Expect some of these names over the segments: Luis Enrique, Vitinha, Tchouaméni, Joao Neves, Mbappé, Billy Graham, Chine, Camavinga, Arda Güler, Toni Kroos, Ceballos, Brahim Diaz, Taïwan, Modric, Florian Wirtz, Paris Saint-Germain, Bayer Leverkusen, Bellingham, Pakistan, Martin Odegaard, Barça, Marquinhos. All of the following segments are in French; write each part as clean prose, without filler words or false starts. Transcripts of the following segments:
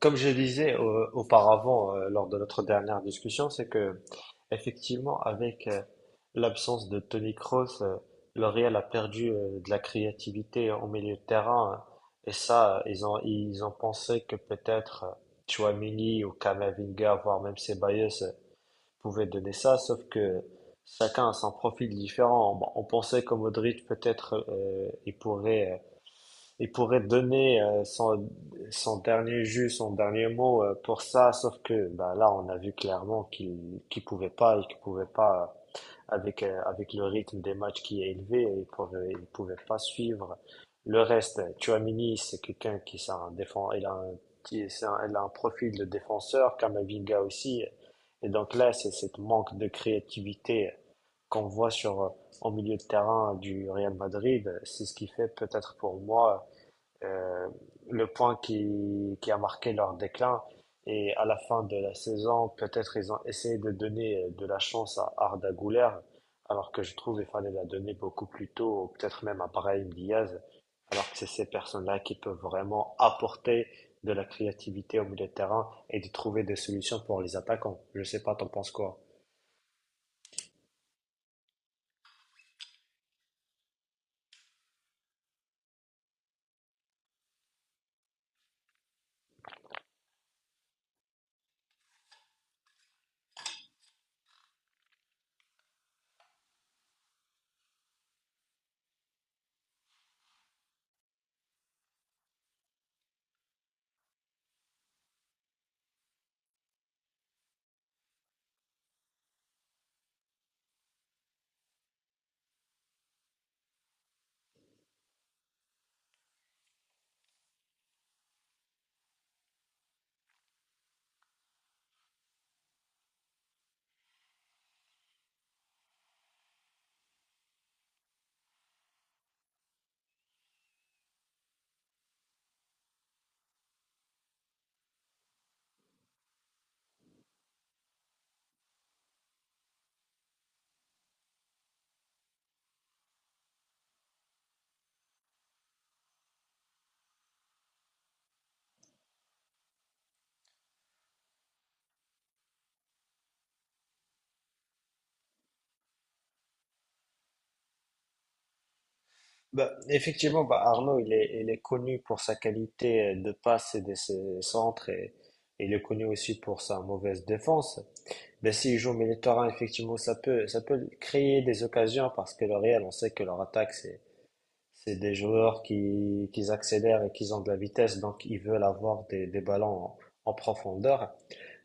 Comme je disais auparavant lors de notre dernière discussion, c'est que effectivement avec l'absence de Toni Kroos, le Real a perdu de la créativité en milieu de terrain et ça, ils ont pensé que peut-être Tchouaméni ou Camavinga voire même Ceballos pouvaient donner ça, sauf que chacun a son profil différent. Bon, on pensait que Modric peut-être il pourrait donner son, son dernier jus, son dernier mot pour ça, sauf que bah, là, on a vu clairement qu'il pouvait pas, et qu'il pouvait pas, avec, avec le rythme des matchs qui est élevé, il pouvait pas suivre. Le reste, Tchouaméni, c'est quelqu'un qui c'est un défend, il a un, qui- c'est un- il a un profil de défenseur, Kamavinga aussi. Et donc là, c'est cette manque de créativité qu'on voit sur, en milieu de terrain du Real Madrid. C'est ce qui fait peut-être pour moi euh, le point qui a marqué leur déclin. Et à la fin de la saison, peut-être ils ont essayé de donner de la chance à Arda Güler, alors que je trouve qu'il fallait la donner beaucoup plus tôt, ou peut-être même à Brahim Diaz, alors que c'est ces personnes-là qui peuvent vraiment apporter de la créativité au milieu de terrain et de trouver des solutions pour les attaquants. Je sais pas, t'en penses quoi? Bah, effectivement, bah, Arnaud, il est connu pour sa qualité de passe et de ses centres et il est connu aussi pour sa mauvaise défense. Mais s'il joue au milieu de terrain, effectivement, ça peut créer des occasions parce que le Real, on sait que leur attaque, c'est des joueurs qui accélèrent et qui ont de la vitesse, donc ils veulent avoir des ballons en, en profondeur.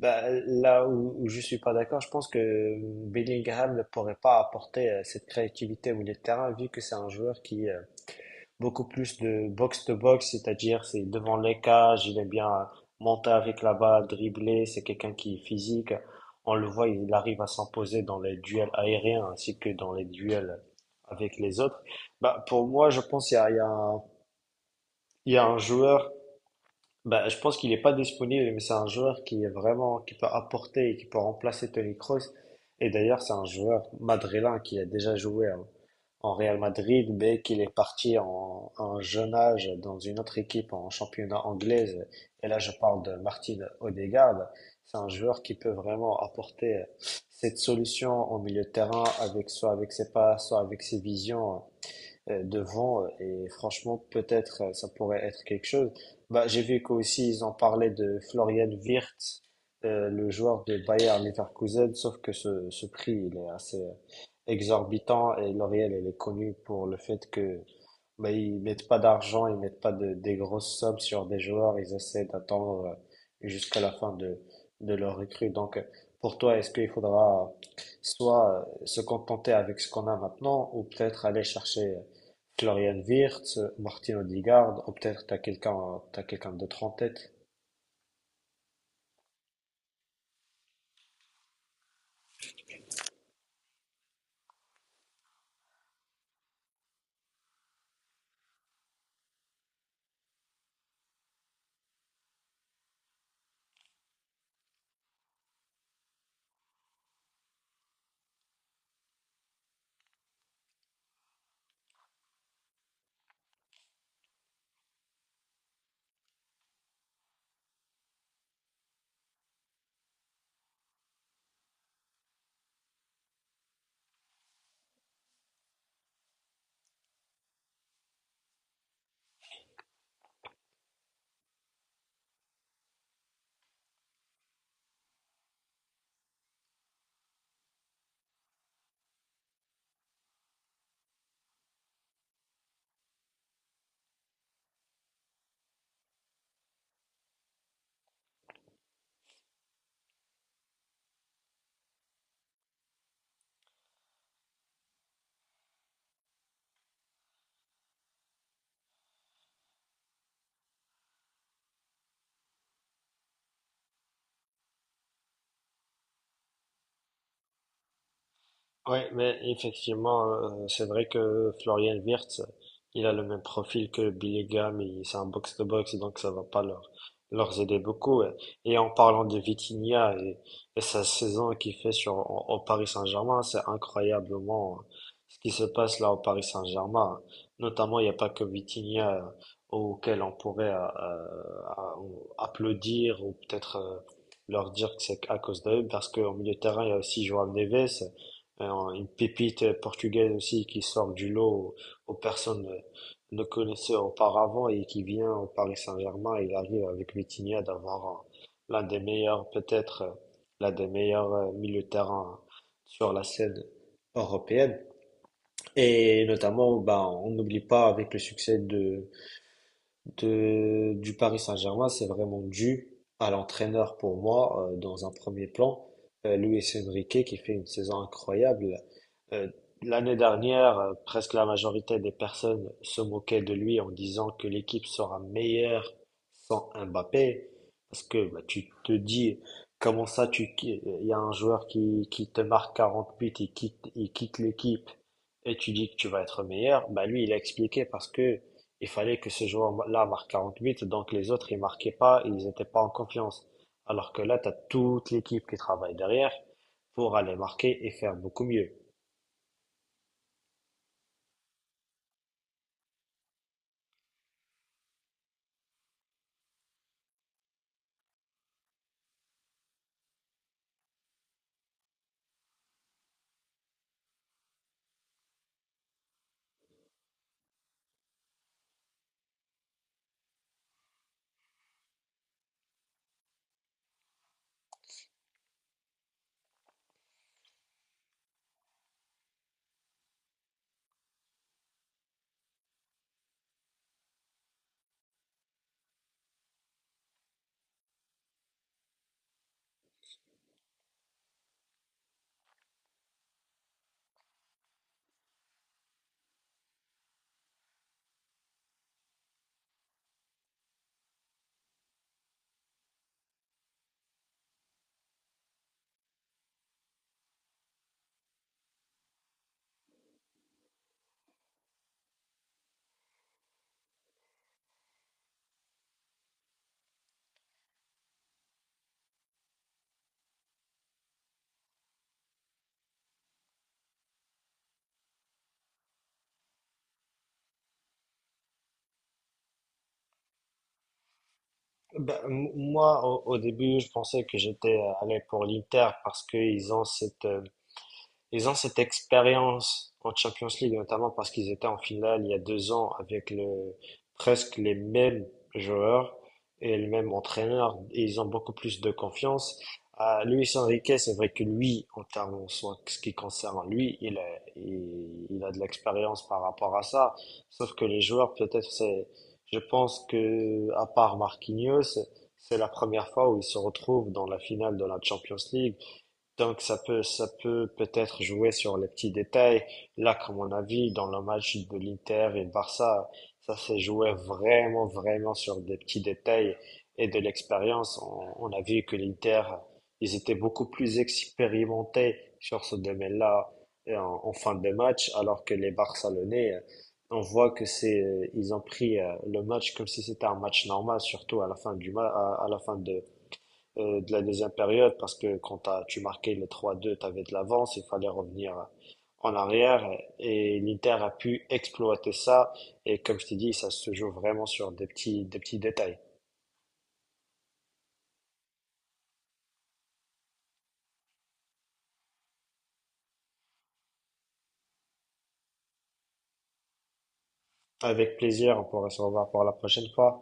Bah, là où, où je suis pas d'accord, je pense que Bellingham ne pourrait pas apporter cette créativité au milieu de terrain vu que c'est un joueur qui, beaucoup plus de box-to-box, c'est-à-dire c'est devant les cages, il aime bien monter avec la balle, dribbler, c'est quelqu'un qui est physique. On le voit, il arrive à s'imposer dans les duels aériens ainsi que dans les duels avec les autres. Bah, pour moi, je pense qu'il y a, il y a un, il y a un joueur, bah, je pense qu'il n'est pas disponible, mais c'est un joueur qui est vraiment, qui peut apporter et qui peut remplacer Tony Kroos. Et d'ailleurs, c'est un joueur madrilène qui a déjà joué hein, en Real Madrid, mais qu'il est parti en, à un jeune âge dans une autre équipe en championnat anglaise. Et là, je parle de Martin Odegaard. C'est un joueur qui peut vraiment apporter cette solution au milieu de terrain avec soit avec ses pas, soit avec ses visions devant et franchement peut-être ça pourrait être quelque chose. Bah, j'ai vu qu'aussi ils en parlaient de Florian Wirtz, le joueur de Bayer Leverkusen, sauf que ce prix il est assez exorbitant et L'Oréal elle est connue pour le fait que mais ils mettent pas d'argent, ils mettent pas de, des grosses sommes sur des joueurs, ils essaient d'attendre jusqu'à la fin de leur recrue. Donc, pour toi, est-ce qu'il faudra soit se contenter avec ce qu'on a maintenant, ou peut-être aller chercher Florian Wirtz, Martin Odegaard, ou peut-être t'as quelqu'un d'autre en tête? Ouais, mais effectivement, c'est vrai que Florian Wirtz, il a le même profil que Billy Graham, et c'est un box-to-box, donc ça va pas leur, leur aider beaucoup. Ouais. Et en parlant de Vitinha et sa saison qu'il fait sur, en- au Paris Saint-Germain, c'est incroyablement ce qui se passe là au Paris Saint-Germain. Notamment, il n'y a pas que Vitinha auquel on pourrait applaudir ou peut-être leur dire que c'est à cause d'eux, parce qu'au milieu de terrain, il y a aussi Joao Neves, alors, une pépite portugaise aussi qui sort du lot aux, aux personnes ne connaissaient auparavant et qui vient au Paris Saint-Germain. Il arrive avec Vitinha d'avoir un- l'un des meilleurs, peut-être l'un des meilleurs milieux de terrain sur la scène européenne. Et notamment, ben, on n'oublie pas avec le succès de, du Paris Saint-Germain, c'est vraiment dû à l'entraîneur pour moi, dans un premier plan, Luis Enrique, qui fait une saison incroyable. Euh, L'année dernière, presque la majorité des personnes se moquaient de lui en disant que l'équipe sera meilleure sans Mbappé, parce que bah, tu te dis, comment ça, tu, qui- il y a un joueur qui te marque 40 buts, il quitte l'équipe, et tu dis que tu vas être meilleur. Bah, lui, il a expliqué parce que il fallait que ce joueur-là marque 48 donc les autres, ils marquaient pas, ils n'étaient pas en confiance. Alors que là, tu as toute l'équipe qui travaille derrière pour aller marquer et faire beaucoup mieux. Ben, m- moi, au, au début, je pensais que j'étais allé pour l'Inter parce qu'ils ont cette ils ont cette expérience en Champions League, notamment parce qu'ils étaient en finale il y a 2 ans avec le, presque les mêmes joueurs et le même entraîneur. Et ils ont beaucoup plus de confiance. Ah, Luis Enrique, c'est vrai que lui, en termes, en soi, ce qui concerne lui, il a, il, il a de l'expérience par rapport à ça. Sauf que les joueurs, peut-être, c'est, je pense que, à part Marquinhos, c'est la première fois où ils se retrouvent dans la finale de la Champions League donc ça peut peut-être jouer sur les petits détails. Là, comme mon avis, dans le match de l'Inter et le Barça, ça s'est joué vraiment, vraiment sur des petits détails et de l'expérience. On a vu que l'Inter, ils étaient beaucoup plus expérimentés sur ce domaine-là et en, en fin de match, alors que les Barcelonais, on voit que c'est, ils ont pris le match comme si c'était un match normal, surtout à la fin du ma- à la fin de la deuxième période parce que quand t'as, tu marquais le 3-2, tu avais de l'avance, il fallait revenir en arrière et l'Inter a pu exploiter ça et comme je t'ai dit, ça se joue vraiment sur des petits détails. Avec plaisir, on pourra se revoir pour la prochaine fois.